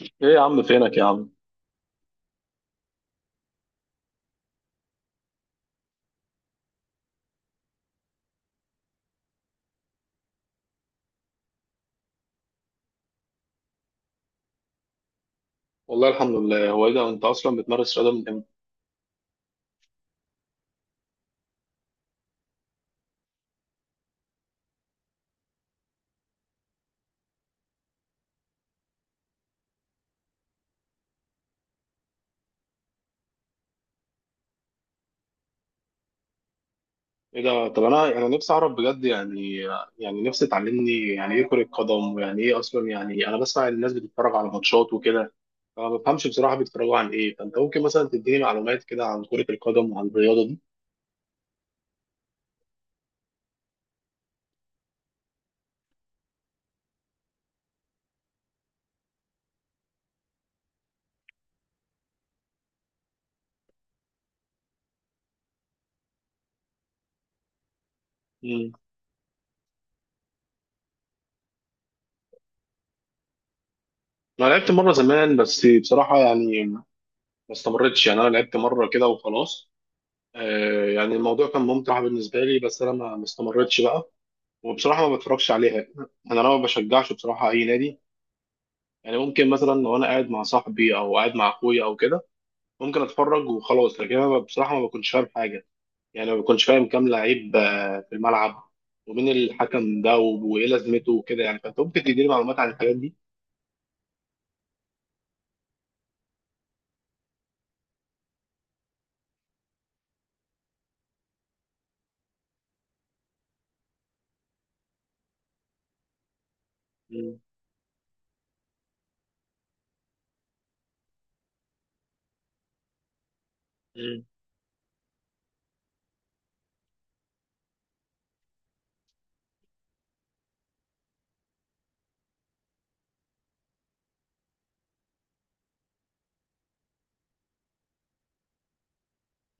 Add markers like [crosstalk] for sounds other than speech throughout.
ايه يا عم فينك يا عم؟ والله الحمد لله. هو ايه ده انت اصلا بتمارس رياضه من امتى؟ ايه ده؟ طب انا نفسي اعرف بجد يعني. يعني نفسي تعلمني يعني ايه كره قدم، ويعني ايه اصلا، يعني انا بسمع الناس بتتفرج على ماتشات وكده، فما بفهمش بصراحه بيتفرجوا عن ايه. فانت ممكن مثلا تديني معلومات كده عن كره القدم وعن الرياضه دي؟ مم. انا لعبت مره زمان، بس بصراحه يعني ما استمرتش، يعني انا لعبت مره كده وخلاص. آه، يعني الموضوع كان ممتع بالنسبه لي، بس انا ما استمرتش بقى. وبصراحة ما بتفرجش عليها. أنا لو ما بشجعش بصراحة أي نادي. يعني ممكن مثلا لو أنا قاعد مع صاحبي أو قاعد مع أخويا أو كده، ممكن أتفرج وخلاص. لكن أنا بصراحة ما بكونش فاهم حاجة، يعني ما بكونش فاهم كام لعيب في الملعب، ومين الحكم ده وإيه لازمته وكده، يعني. فأنت ممكن تديني معلومات عن الحاجات دي؟ مم. مم.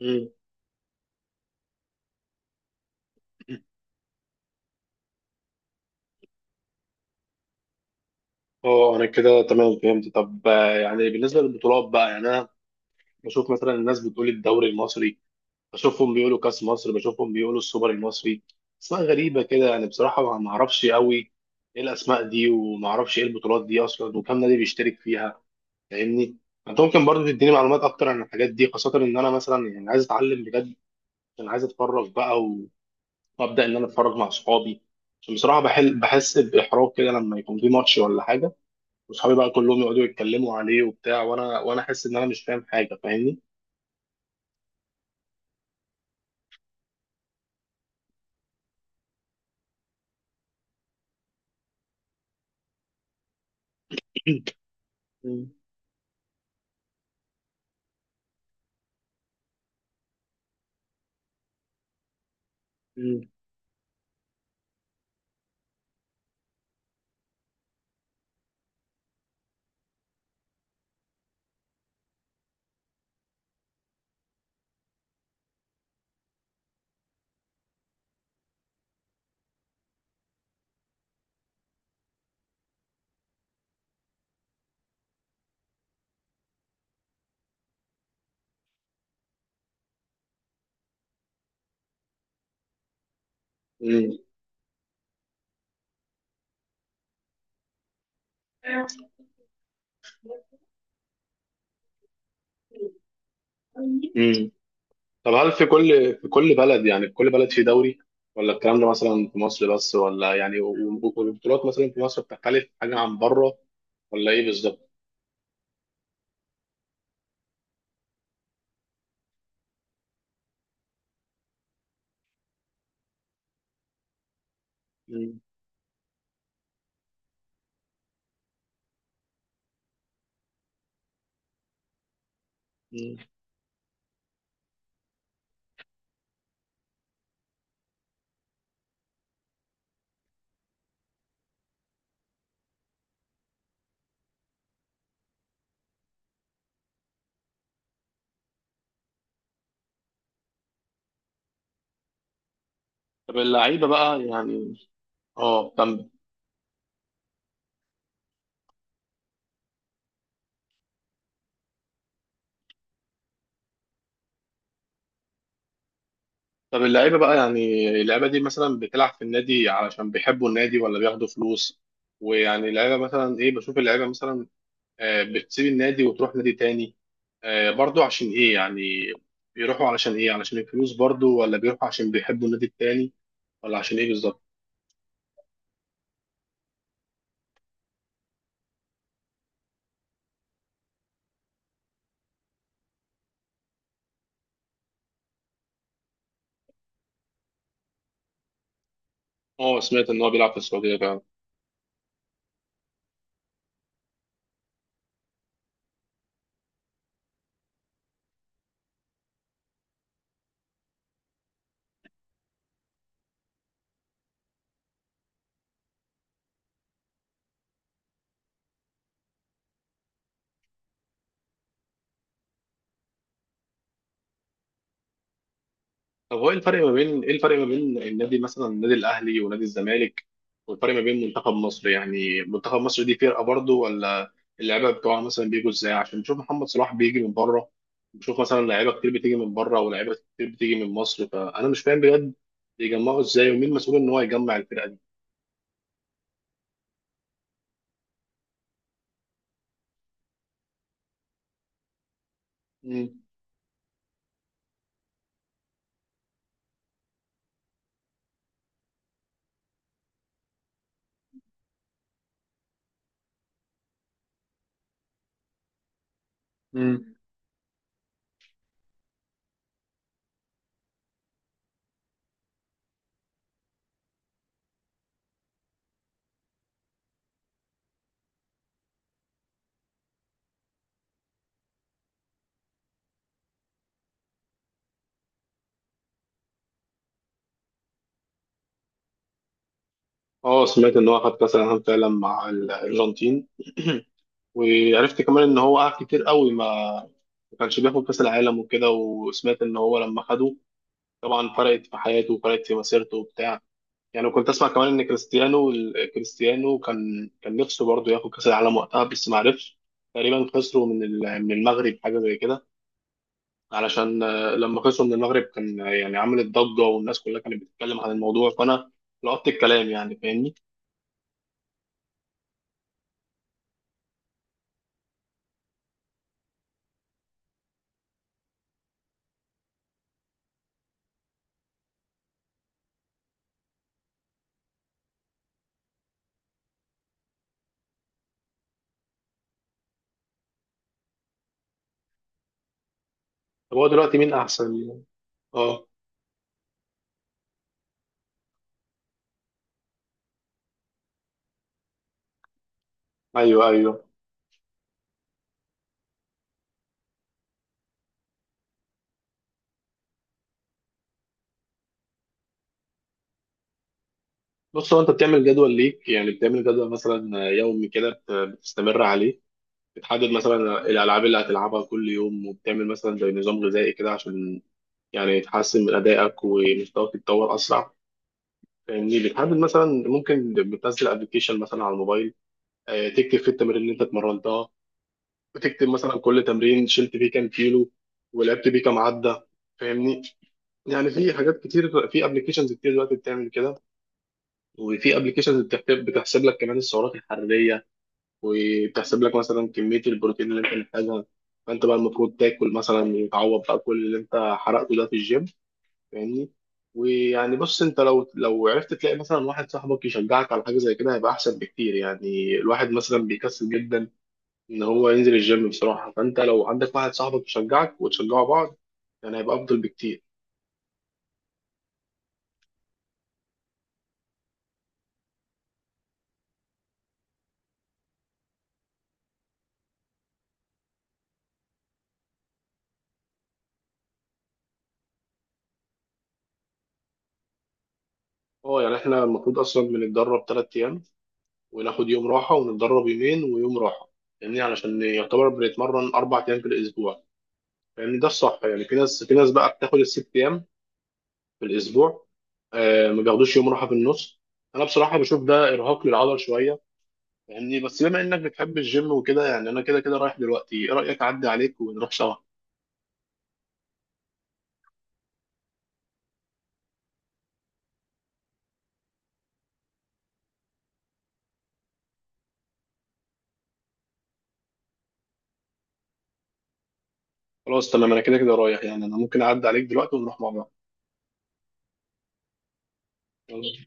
مم. اه، انا كده تمام فهمت. طب يعني بالنسبه للبطولات بقى، يعني انا بشوف مثلا الناس بتقول الدوري المصري، بشوفهم بيقولوا كاس مصر، بشوفهم بيقولوا السوبر المصري، اسماء غريبه كده يعني. بصراحه ما اعرفش قوي ايه الاسماء دي، وما اعرفش ايه البطولات دي اصلا، وكم نادي بيشترك فيها، فاهمني؟ انت ممكن برضه تديني معلومات اكتر عن الحاجات دي، خاصه ان انا مثلا يعني عايز اتعلم بجد. انا عايز اتفرج بقى وابدا ان انا اتفرج مع اصحابي، عشان بصراحه بحس باحراج كده لما يكون في ماتش ولا حاجه، واصحابي بقى كلهم يقعدوا يتكلموا عليه وبتاع، وانا احس ان انا مش فاهم حاجه، فاهمني؟ [clears throat] مم. مم. مم. مم. طب هل في كل بلد، يعني في كل بلد في دوري؟ ولا الكلام ده مثلا في مصر بس؟ ولا يعني والبطولات مثلا في مصر بتختلف حاجة عن بره، ولا ايه بالظبط؟ مم. مم. طب اللعيبة بقى يعني اه طب طب اللعيبة بقى يعني، اللعيبة دي مثلا بتلعب في النادي علشان بيحبوا النادي، ولا بياخدوا فلوس؟ ويعني اللعيبة مثلا ايه، بشوف اللعيبة مثلا بتسيب النادي وتروح نادي تاني برضو، عشان ايه يعني؟ بيروحوا علشان ايه، علشان الفلوس برضو، ولا بيروحوا عشان بيحبوا النادي التاني، ولا عشان ايه بالظبط؟ اه، سمعت ان هو بيلعب في السعوديه فعلا. طب هو ايه الفرق ما بين، ايه الفرق ما بين النادي مثلا، النادي الاهلي ونادي الزمالك، والفرق ما بين منتخب مصر؟ يعني منتخب مصر دي فرقه برضه، ولا اللعيبه بتوعها مثلا بيجوا ازاي، عشان نشوف محمد صلاح بيجي من بره، بشوف مثلا لعيبه كتير بتيجي من بره، ولاعيبه كتير بتيجي من مصر؟ فانا مش فاهم بجد بيجمعوا ازاي، ومين مسؤول ان هو يجمع الفرقه دي. امم. امم. اه، سمعت ان هو خد كاس العالم فعلا مع الارجنتين. [clears throat] وعرفت كمان ان هو قعد كتير قوي ما كانش بياخد كاس العالم وكده. وسمعت ان هو لما خده طبعا فرقت في حياته وفرقت في مسيرته وبتاع. يعني كنت اسمع كمان ان كريستيانو، كريستيانو كان نفسه برضه ياخد كاس العالم وقتها، بس ما عرفش. تقريبا خسروا من من المغرب حاجه زي كده. علشان لما خسروا من المغرب كان يعني عملت ضجه، والناس كلها كانت بتتكلم عن الموضوع، فانا لقطت الكلام يعني، فاهمني؟ طب هو دلوقتي مين احسن؟ اه. ايوه، ايوه. بص هو، انت بتعمل جدول ليك؟ يعني بتعمل جدول مثلا يومي كده بتستمر عليه؟ بتحدد مثلا الالعاب اللي هتلعبها كل يوم، وبتعمل مثلا زي نظام غذائي كده عشان يعني تحسن من ادائك، ومستواك يتطور اسرع، فاهمني؟ بتحدد مثلا، ممكن بتنزل ابلكيشن مثلا على الموبايل تكتب فيه التمارين اللي انت اتمرنتها، بتكتب مثلا كل تمرين شلت فيه كام كيلو، ولعبت بيه كام عده، فاهمني؟ يعني في حاجات كتير، في ابلكيشنز كتير دلوقتي بتعمل كده. وفي ابلكيشنز بتحسب، بتحسب لك كمان السعرات الحراريه، وبتحسب لك مثلا كمية البروتين اللي انت محتاجها. فانت بقى المفروض تاكل مثلا، تعوض بقى كل اللي انت حرقته ده في الجيم، فاهمني؟ ويعني بص انت لو عرفت تلاقي مثلا واحد صاحبك يشجعك على حاجة زي كده، هيبقى احسن بكتير. يعني الواحد مثلا بيكسل جدا ان هو ينزل الجيم بصراحة، فانت لو عندك واحد صاحبك يشجعك وتشجعوا بعض، يعني هيبقى افضل بكتير. اه، يعني احنا المفروض اصلا بنتدرب 3 ايام وناخد يوم راحة، ونتدرب يومين ويوم راحة، يعني علشان يعتبر بنتمرن 4 ايام في الاسبوع، لان ده الصح. يعني في ناس بقى بتاخد ال6 ايام في الاسبوع، ما بياخدوش يوم راحه في النص. انا بصراحه بشوف ده ارهاق للعضل شويه يعني. بس بما انك بتحب الجيم وكده يعني، انا كده كده رايح دلوقتي، ايه رايك اعدي عليك ونروح سوا؟ خلاص تمام، انا كده كده رايح يعني، انا ممكن اعدي عليك دلوقتي ونروح مع بعض. يلا.